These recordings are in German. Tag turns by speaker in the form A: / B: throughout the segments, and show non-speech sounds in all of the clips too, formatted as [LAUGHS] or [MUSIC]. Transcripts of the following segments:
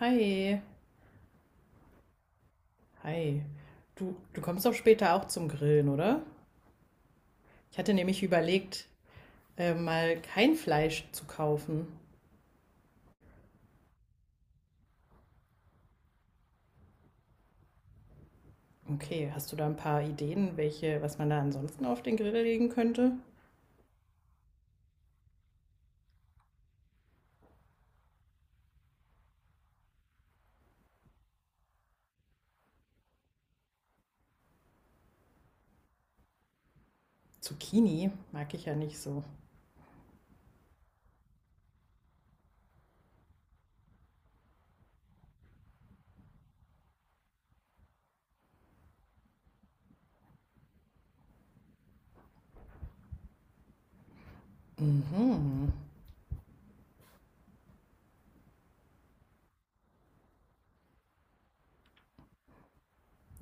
A: Hi, hi. Du kommst doch später auch zum Grillen, oder? Ich hatte nämlich überlegt, mal kein Fleisch zu kaufen. Okay, hast du da ein paar Ideen, welche, was man da ansonsten auf den Grill legen könnte? Zucchini mag ich ja nicht so.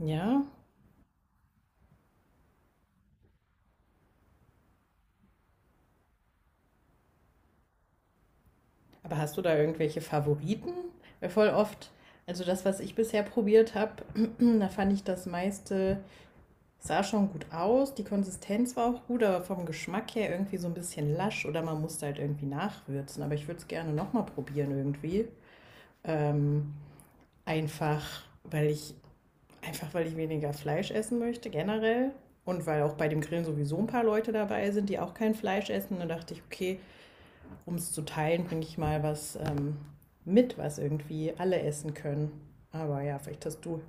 A: Ja, aber hast du da irgendwelche Favoriten? Weil voll oft, also das, was ich bisher probiert habe, [CLEARS THROAT] da fand ich das meiste sah schon gut aus, die Konsistenz war auch gut, aber vom Geschmack her irgendwie so ein bisschen lasch oder man musste halt irgendwie nachwürzen. Aber ich würde es gerne nochmal probieren irgendwie. Ähm, Einfach, weil ich, einfach weil ich weniger Fleisch essen möchte, generell. Und weil auch bei dem Grillen sowieso ein paar Leute dabei sind, die auch kein Fleisch essen. Dann dachte ich, okay, um es zu teilen, bringe ich mal was mit, was irgendwie alle essen können. Aber ja, vielleicht hast du.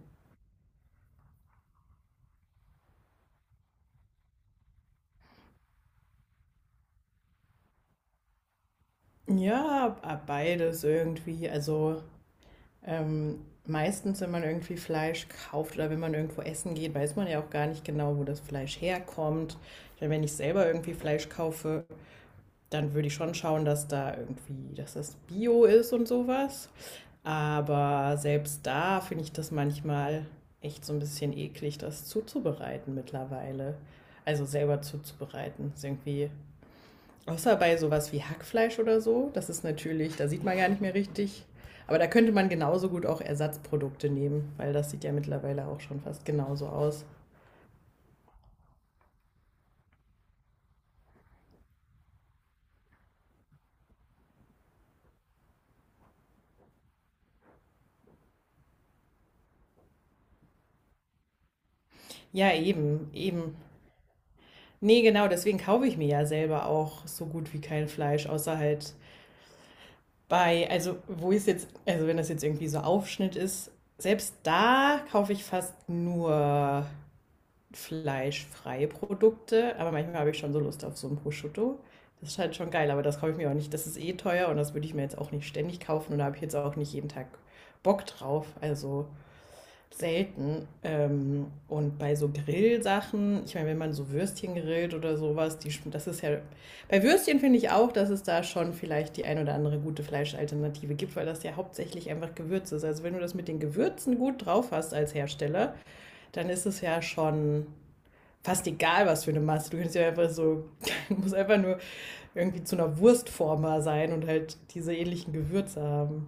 A: Ja, beides irgendwie. Also meistens, wenn man irgendwie Fleisch kauft oder wenn man irgendwo essen geht, weiß man ja auch gar nicht genau, wo das Fleisch herkommt. Ich meine, wenn ich selber irgendwie Fleisch kaufe, dann würde ich schon schauen, dass da irgendwie, dass das Bio ist und sowas. Aber selbst da finde ich das manchmal echt so ein bisschen eklig, das zuzubereiten mittlerweile. Also selber zuzubereiten. Ist irgendwie außer bei sowas wie Hackfleisch oder so, das ist natürlich, da sieht man gar nicht mehr richtig. Aber da könnte man genauso gut auch Ersatzprodukte nehmen, weil das sieht ja mittlerweile auch schon fast genauso aus. Ja, eben, eben. Nee, genau, deswegen kaufe ich mir ja selber auch so gut wie kein Fleisch, außer halt bei, also wo ist jetzt, also wenn das jetzt irgendwie so Aufschnitt ist, selbst da kaufe ich fast nur fleischfreie Produkte, aber manchmal habe ich schon so Lust auf so ein Prosciutto. Das ist halt schon geil, aber das kaufe ich mir auch nicht. Das ist eh teuer und das würde ich mir jetzt auch nicht ständig kaufen und da habe ich jetzt auch nicht jeden Tag Bock drauf, also selten. Und bei so Grillsachen, ich meine, wenn man so Würstchen grillt oder sowas, die, das ist ja. Bei Würstchen finde ich auch, dass es da schon vielleicht die ein oder andere gute Fleischalternative gibt, weil das ja hauptsächlich einfach Gewürz ist. Also wenn du das mit den Gewürzen gut drauf hast als Hersteller, dann ist es ja schon fast egal, was für eine Masse. Du kannst ja einfach so, [LAUGHS] du musst einfach nur irgendwie zu einer Wurstformer sein und halt diese ähnlichen Gewürze haben.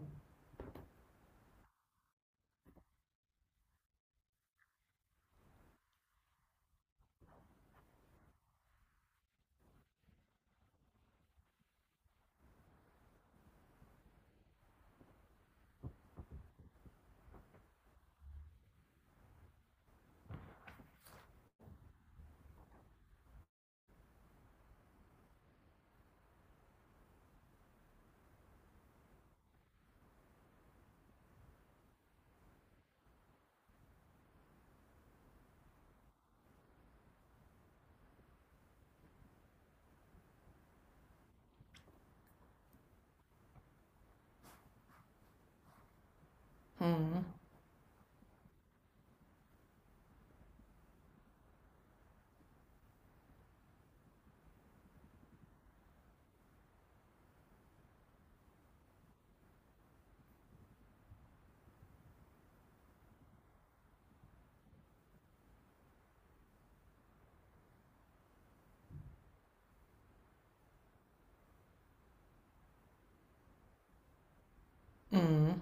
A: Mhm.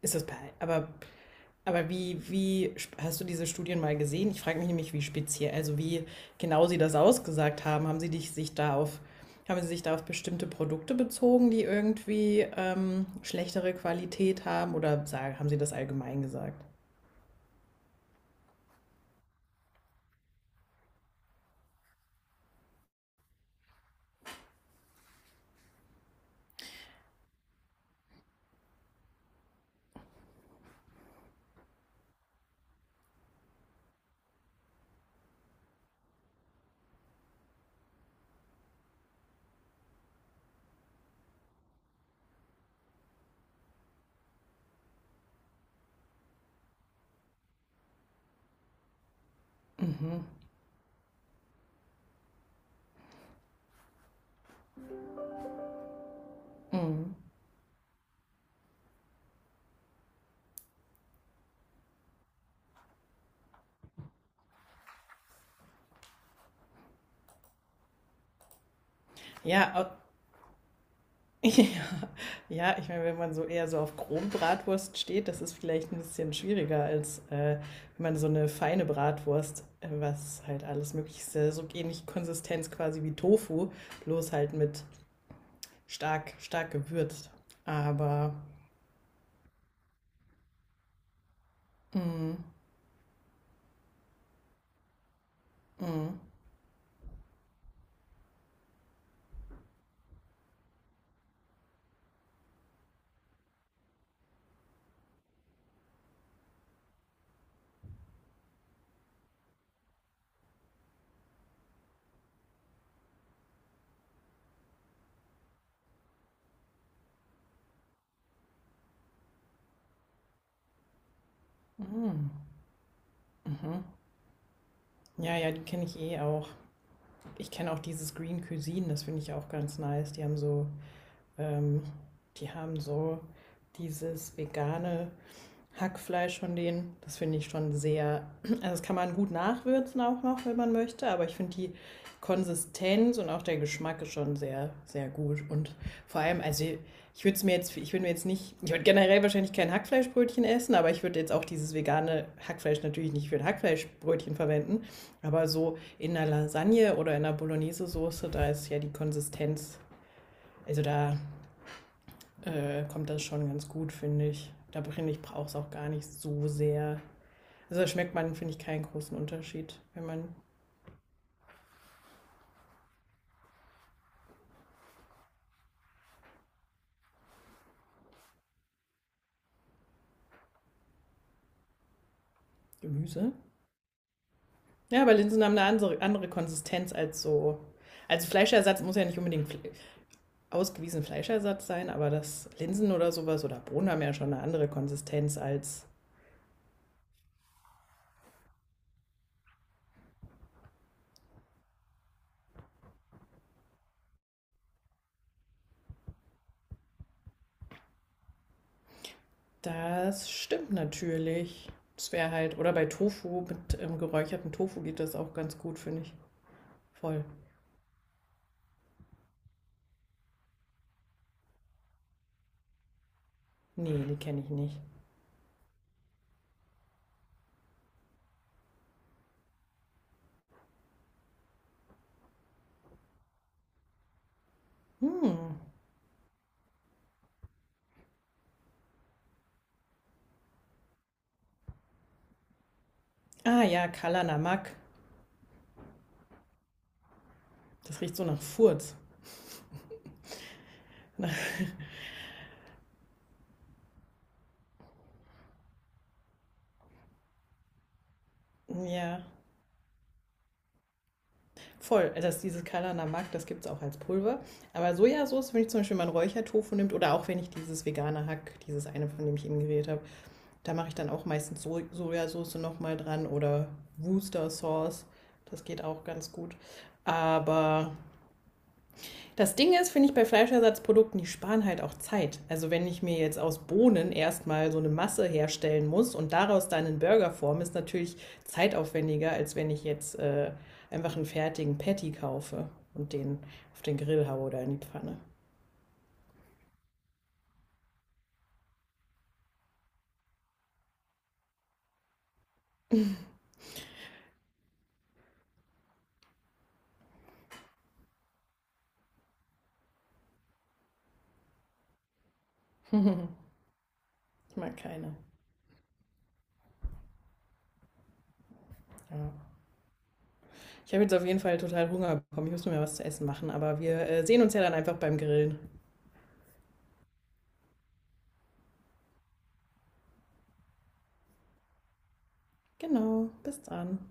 A: Ist das bei, aber, aber wie, wie hast du diese Studien mal gesehen? Ich frage mich nämlich, wie speziell, also wie genau sie das ausgesagt haben. Haben sie dich, sich da auf, Haben sie sich da auf bestimmte Produkte bezogen, die irgendwie schlechtere Qualität haben oder sagen, haben sie das allgemein gesagt? Mhm. Mhm. Ja, [LAUGHS] ja, ja, ich meine, wenn man so eher so auf Kronbratwurst steht, das ist vielleicht ein bisschen schwieriger, als wenn man so eine feine Bratwurst, was halt alles möglich ist, so ähnlich Konsistenz quasi wie Tofu, bloß halt mit stark gewürzt. Aber mm, mm, mhm. Ja, ja, die kenne ich eh auch. Ich kenne auch dieses Green Cuisine, das finde ich auch ganz nice. Ähm, die haben so dieses vegane Hackfleisch von denen. Das finde ich schon sehr. [CLEARS THROAT] Also das kann man gut nachwürzen auch noch, wenn man möchte. Aber ich finde die Konsistenz und auch der Geschmack ist schon sehr, sehr gut. Und vor allem, also ich würde es mir jetzt, ich würde mir jetzt nicht, ich würde generell wahrscheinlich kein Hackfleischbrötchen essen, aber ich würde jetzt auch dieses vegane Hackfleisch natürlich nicht für ein Hackfleischbrötchen verwenden. Aber so in einer Lasagne oder in einer Bolognese-Soße, da ist ja die Konsistenz, also da kommt das schon ganz gut, finde ich. Da finde ich, brauche es auch gar nicht so sehr also da schmeckt man, finde ich, keinen großen Unterschied, wenn man Gemüse. Ja, aber Linsen haben eine andere Konsistenz als so. Also Fleischersatz muss ja nicht unbedingt fle ausgewiesen Fleischersatz sein, aber das Linsen oder sowas oder Bohnen haben ja schon eine andere Konsistenz als das stimmt natürlich. Das wäre halt, oder bei Tofu, mit geräuchertem Tofu geht das auch ganz gut, finde ich. Voll. Nee, die kenne ich nicht. Hm. Ah ja, Kalanamak. Das riecht so nach Furz. [LAUGHS] Ja, voll, dass dieses Kalana Mag, das gibt es auch als Pulver. Aber Sojasauce, wenn ich zum Beispiel mal einen Räuchertofu nimmt oder auch wenn ich dieses vegane Hack, dieses eine, von dem ich eben geredet habe, da mache ich dann auch meistens so Sojasauce nochmal dran oder Worcester Sauce. Das geht auch ganz gut. Aber das Ding ist, finde ich bei Fleischersatzprodukten, die sparen halt auch Zeit. Also wenn ich mir jetzt aus Bohnen erstmal so eine Masse herstellen muss und daraus dann einen Burger forme, ist natürlich zeitaufwendiger, als wenn ich jetzt einfach einen fertigen Patty kaufe und den auf den Grill haue oder in die Pfanne. [LAUGHS] Ich mag keine. Ja. Ich habe jetzt auf jeden Fall total Hunger bekommen. Ich muss mir was zu essen machen, aber wir sehen uns ja dann einfach beim Grillen. Genau, bis dann.